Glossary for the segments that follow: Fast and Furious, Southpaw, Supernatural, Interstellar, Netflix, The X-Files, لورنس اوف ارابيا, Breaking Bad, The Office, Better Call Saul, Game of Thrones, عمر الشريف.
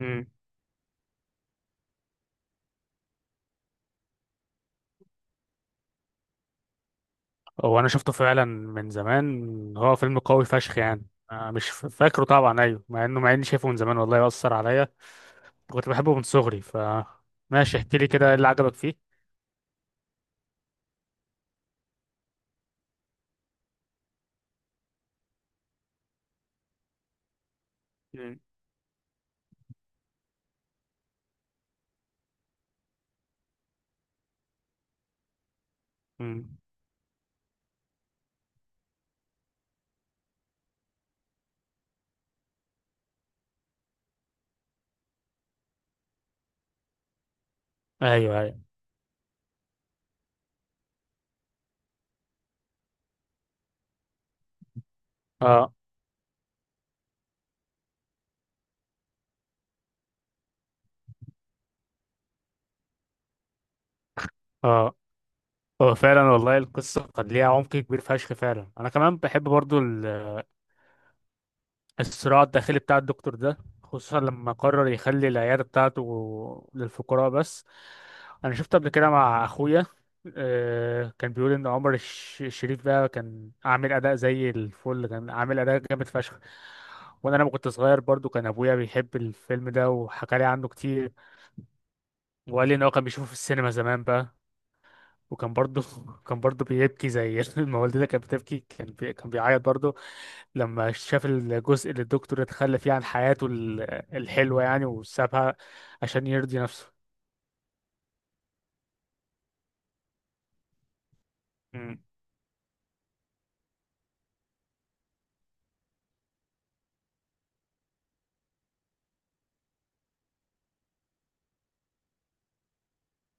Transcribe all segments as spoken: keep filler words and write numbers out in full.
مم. هو انا شفته فعلا من زمان، هو فيلم قوي فشخ يعني. أنا مش ف- فاكره طبعا، ايوه، مع انه مع اني شايفه من زمان، والله اثر عليا. كنت بحبه من صغري، ف ماشي، احكي لي كده، ايه اللي عجبك فيه؟ مم. مم. ايوه، ايوه. اه، اه. هو فعلا والله، القصه قد ليها عمق كبير فشخ فعلا، انا كمان بحب برضو. الصراع الداخلي بتاع الدكتور ده، خصوصا لما قرر يخلي العيادة بتاعته للفقراء بس. أنا شفت قبل كده مع أخويا. آه، كان بيقول إن عمر الش- الشريف ده كان عامل أداء زي الفل، كان عامل أداء جامد فشخ. وأنا لما كنت صغير برضو، كان أبويا بيحب الفيلم ده وحكى لي عنه كتير. وقال لي إن هو كان بيشوفه في السينما زمان بقى. وكان برضو كان برضو بيبكي زي ما والدتي كانت بتبكي، كان بي... كان بيعيط برضو، لما شاف الجزء اللي الدكتور اتخلى فيه عن حياته ال- الحلوة يعني، وسابها عشان يرضي نفسه. مم.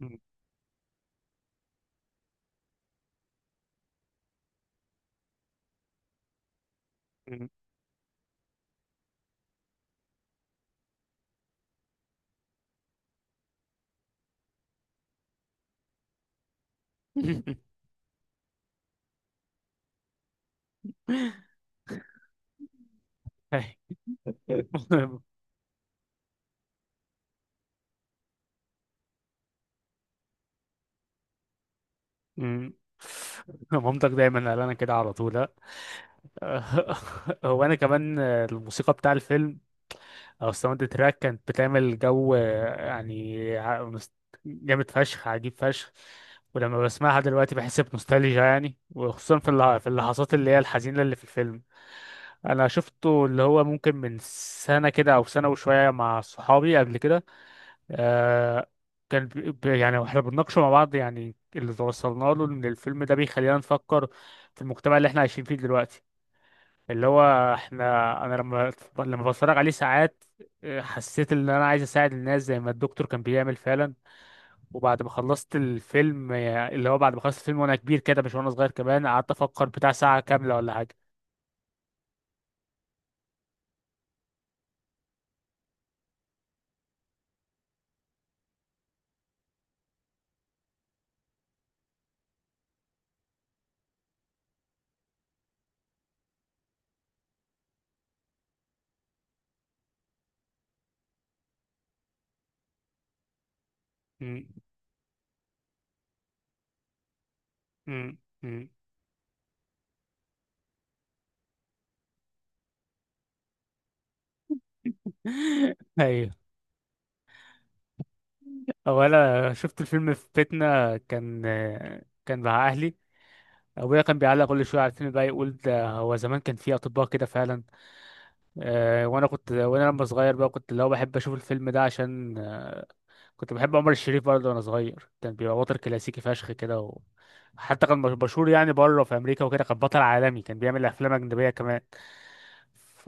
مم. مم. أي. مم. مامتك دايما قال انا كده على طول، ها؟ هو انا كمان، آه، الموسيقى بتاع الفيلم او الساوند تراك كانت بتعمل جو، آه، يعني ع- مس- جامد فشخ، عجيب فشخ. ولما بسمعها دلوقتي بحس بنوستالجيا يعني، وخصوصا في اللح- في اللحظات اللي هي الحزينة اللي في الفيلم. انا شفته، اللي هو ممكن من سنه كده او سنه وشويه، مع صحابي قبل كده. آه كان بي- بي- يعني، واحنا بنناقشه مع بعض، يعني اللي توصلنا له ان الفيلم ده بيخلينا نفكر في المجتمع اللي احنا عايشين فيه دلوقتي، اللي هو احنا انا لما لما بتفرج عليه ساعات، آه، حسيت ان انا عايز اساعد الناس زي ما الدكتور كان بيعمل فعلا. وبعد ما خلصت الفيلم، آه، اللي هو بعد ما خلصت الفيلم وانا كبير كده، مش وانا صغير كمان، قعدت افكر بتاع ساعه كامله ولا حاجه. م- م- م. ايوه. هو انا شفت الفيلم في بيتنا، كان كان مع اهلي. ابويا كان بيعلق كل شويه على الفيلم بقى، يقول ده هو زمان كان في اطباء كده فعلا. أه وانا كنت وانا لما صغير بقى، كنت اللي هو بحب اشوف الفيلم ده عشان، آه، كنت بحب عمر الشريف برضه وانا صغير، كان بيبقى بطل كلاسيكي فشخ كده و... حتى كان مشهور يعني، بره في امريكا وكده، كان بطل عالمي، كان بيعمل افلام اجنبيه كمان.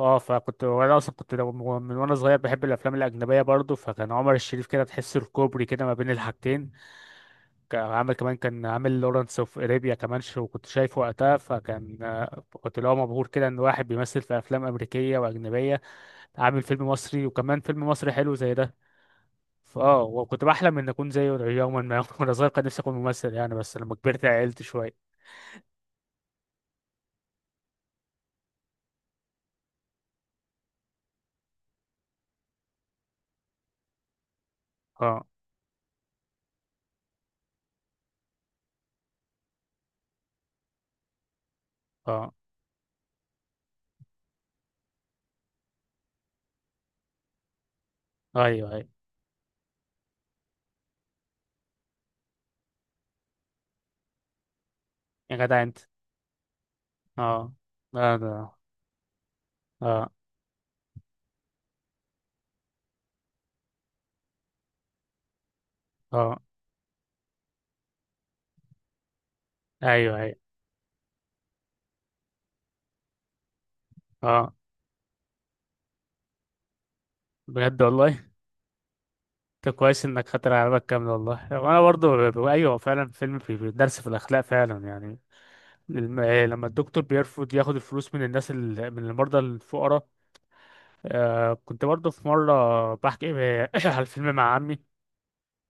اه فكنت، وانا اصلا كنت لو- من وانا صغير بحب الافلام الاجنبيه برضه، فكان عمر الشريف كده، تحس الكوبري كده ما بين الحاجتين. كان عامل كمان كان عامل لورنس اوف ارابيا كمان، شو كنت شايفه وقتها. فكان آه، كنت اللي هو مبهور كده، ان واحد بيمثل في افلام امريكيه واجنبيه، عامل فيلم مصري، وكمان فيلم مصري حلو زي ده. فاه وكنت بحلم ان اكون زيه يوما ما. وانا صغير كان نفسي اكون ممثل يعني، بس لما كبرت عقلت شويه. اه، اه. ايوه، ايوه. يا جدع انت! اه، اه، ده، اه، اه. ايوه، ايوه، اه. بجد والله. طب كويس انك خاطر على بالك كامل، والله وانا برضو، ب- ب- ايوه فعلا، فيلم، في في درس في الاخلاق فعلا يعني. الم- آه، لما الدكتور بيرفض ياخد الفلوس من الناس، ال... من المرضى الفقراء. آه كنت برضه في مرة بحكي على الفيلم مع عمي،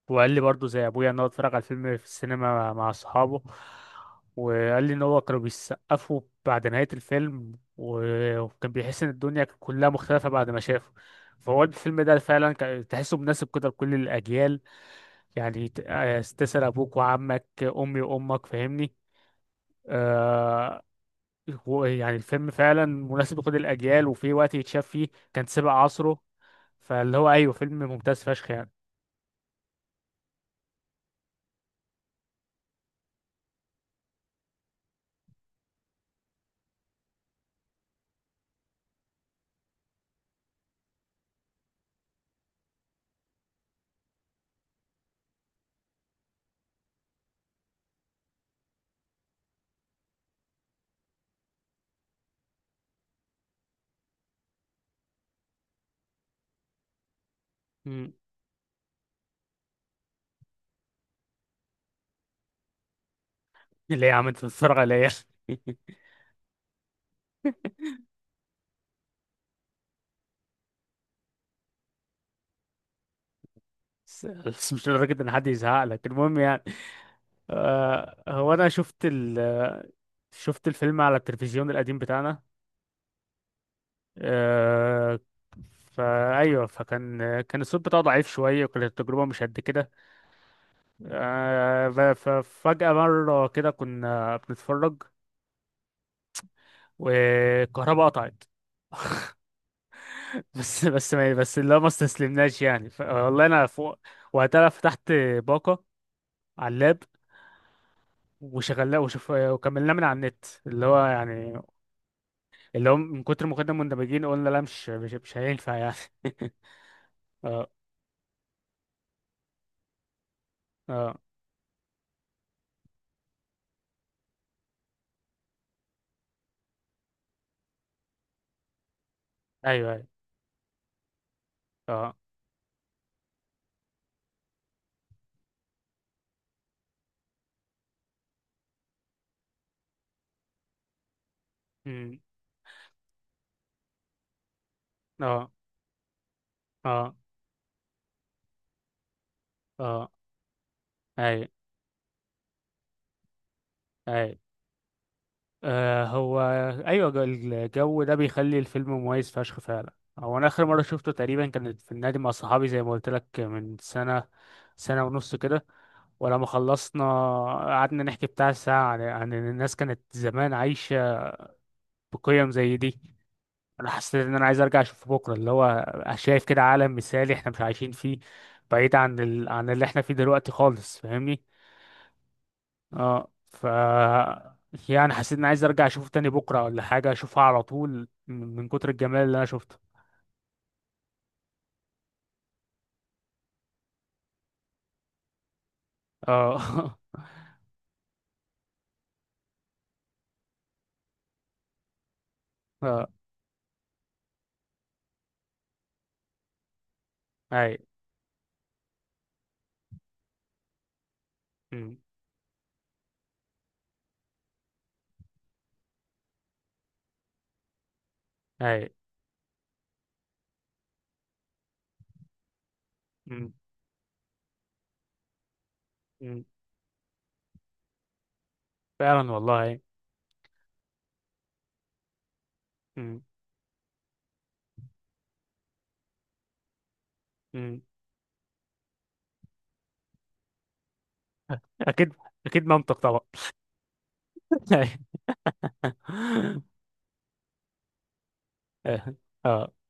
وقال لي برضه زي أبويا إن هو اتفرج على الفيلم في السينما مع أصحابه. وقال لي إن هو كانوا بيسقفوا بعد نهاية الفيلم، و- وكان بيحس إن الدنيا كلها مختلفة بعد ما شافه. فهو الفيلم ده فعلا، كان- تحسه مناسب كده لكل الأجيال، يعني ت- آه، تسأل أبوك وعمك، أمي وأمك، فاهمني؟ آه، هو يعني الفيلم فعلا مناسب لكل الأجيال، وفي وقت يتشاف فيه، كان سابق عصره. فاللي هو، أيوه، فيلم ممتاز فشخ يعني. مم. اللي هي عملت تتفرج عليا. بس، بس، مش لدرجة إن حد يزهق لك، المهم يعني. آه هو أنا شفت ال شفت الفيلم على التلفزيون القديم بتاعنا. آه فأيوه، فكان كان الصوت بتاعه ضعيف شوية، وكانت التجربة مش قد كده. آه ف- ففجأة مرة كده كنا بنتفرج والكهرباء قطعت. بس بس ما بس اللي هو ما استسلمناش يعني، ف... والله انا فوق وقتها، فتحت باقه على اللاب وشغلناه، وشف... وكملناه من على النت، اللي هو يعني، اللي هو من كتر ما كنا مندمجين، قلنا لا، مش مش, مش هينفع يعني. اه، اه، ايوه، ايوه، اه. أمم، اه، اه، اه، ايوه، ايوه. آه هو، ايوه، جو- الجو ده بيخلي الفيلم مميز فشخ فعلا. هو انا اخر مره شفته تقريبا كانت في النادي مع صحابي، زي ما قلت لك، من سنه، سنه ونص كده. ولما خلصنا، قعدنا نحكي بتاع ساعه عن عن ان الناس كانت زمان عايشه بقيم زي دي. انا حسيت ان انا عايز ارجع اشوفه بكره، اللي هو شايف كده عالم مثالي احنا مش عايشين فيه، بعيد عن ال... عن اللي احنا فيه دلوقتي خالص، فاهمني؟ اه ف يعني حسيت اني عايز ارجع اشوفه تاني بكره، ولا حاجه اشوفها على طول، من من كتر الجمال اللي انا شفته. اه. اه. اي. أمم، اي. أمم، أمم. فعلا والله، أي. أمم، أمم. اكيد، اكيد منطق طبعا. أي. اه.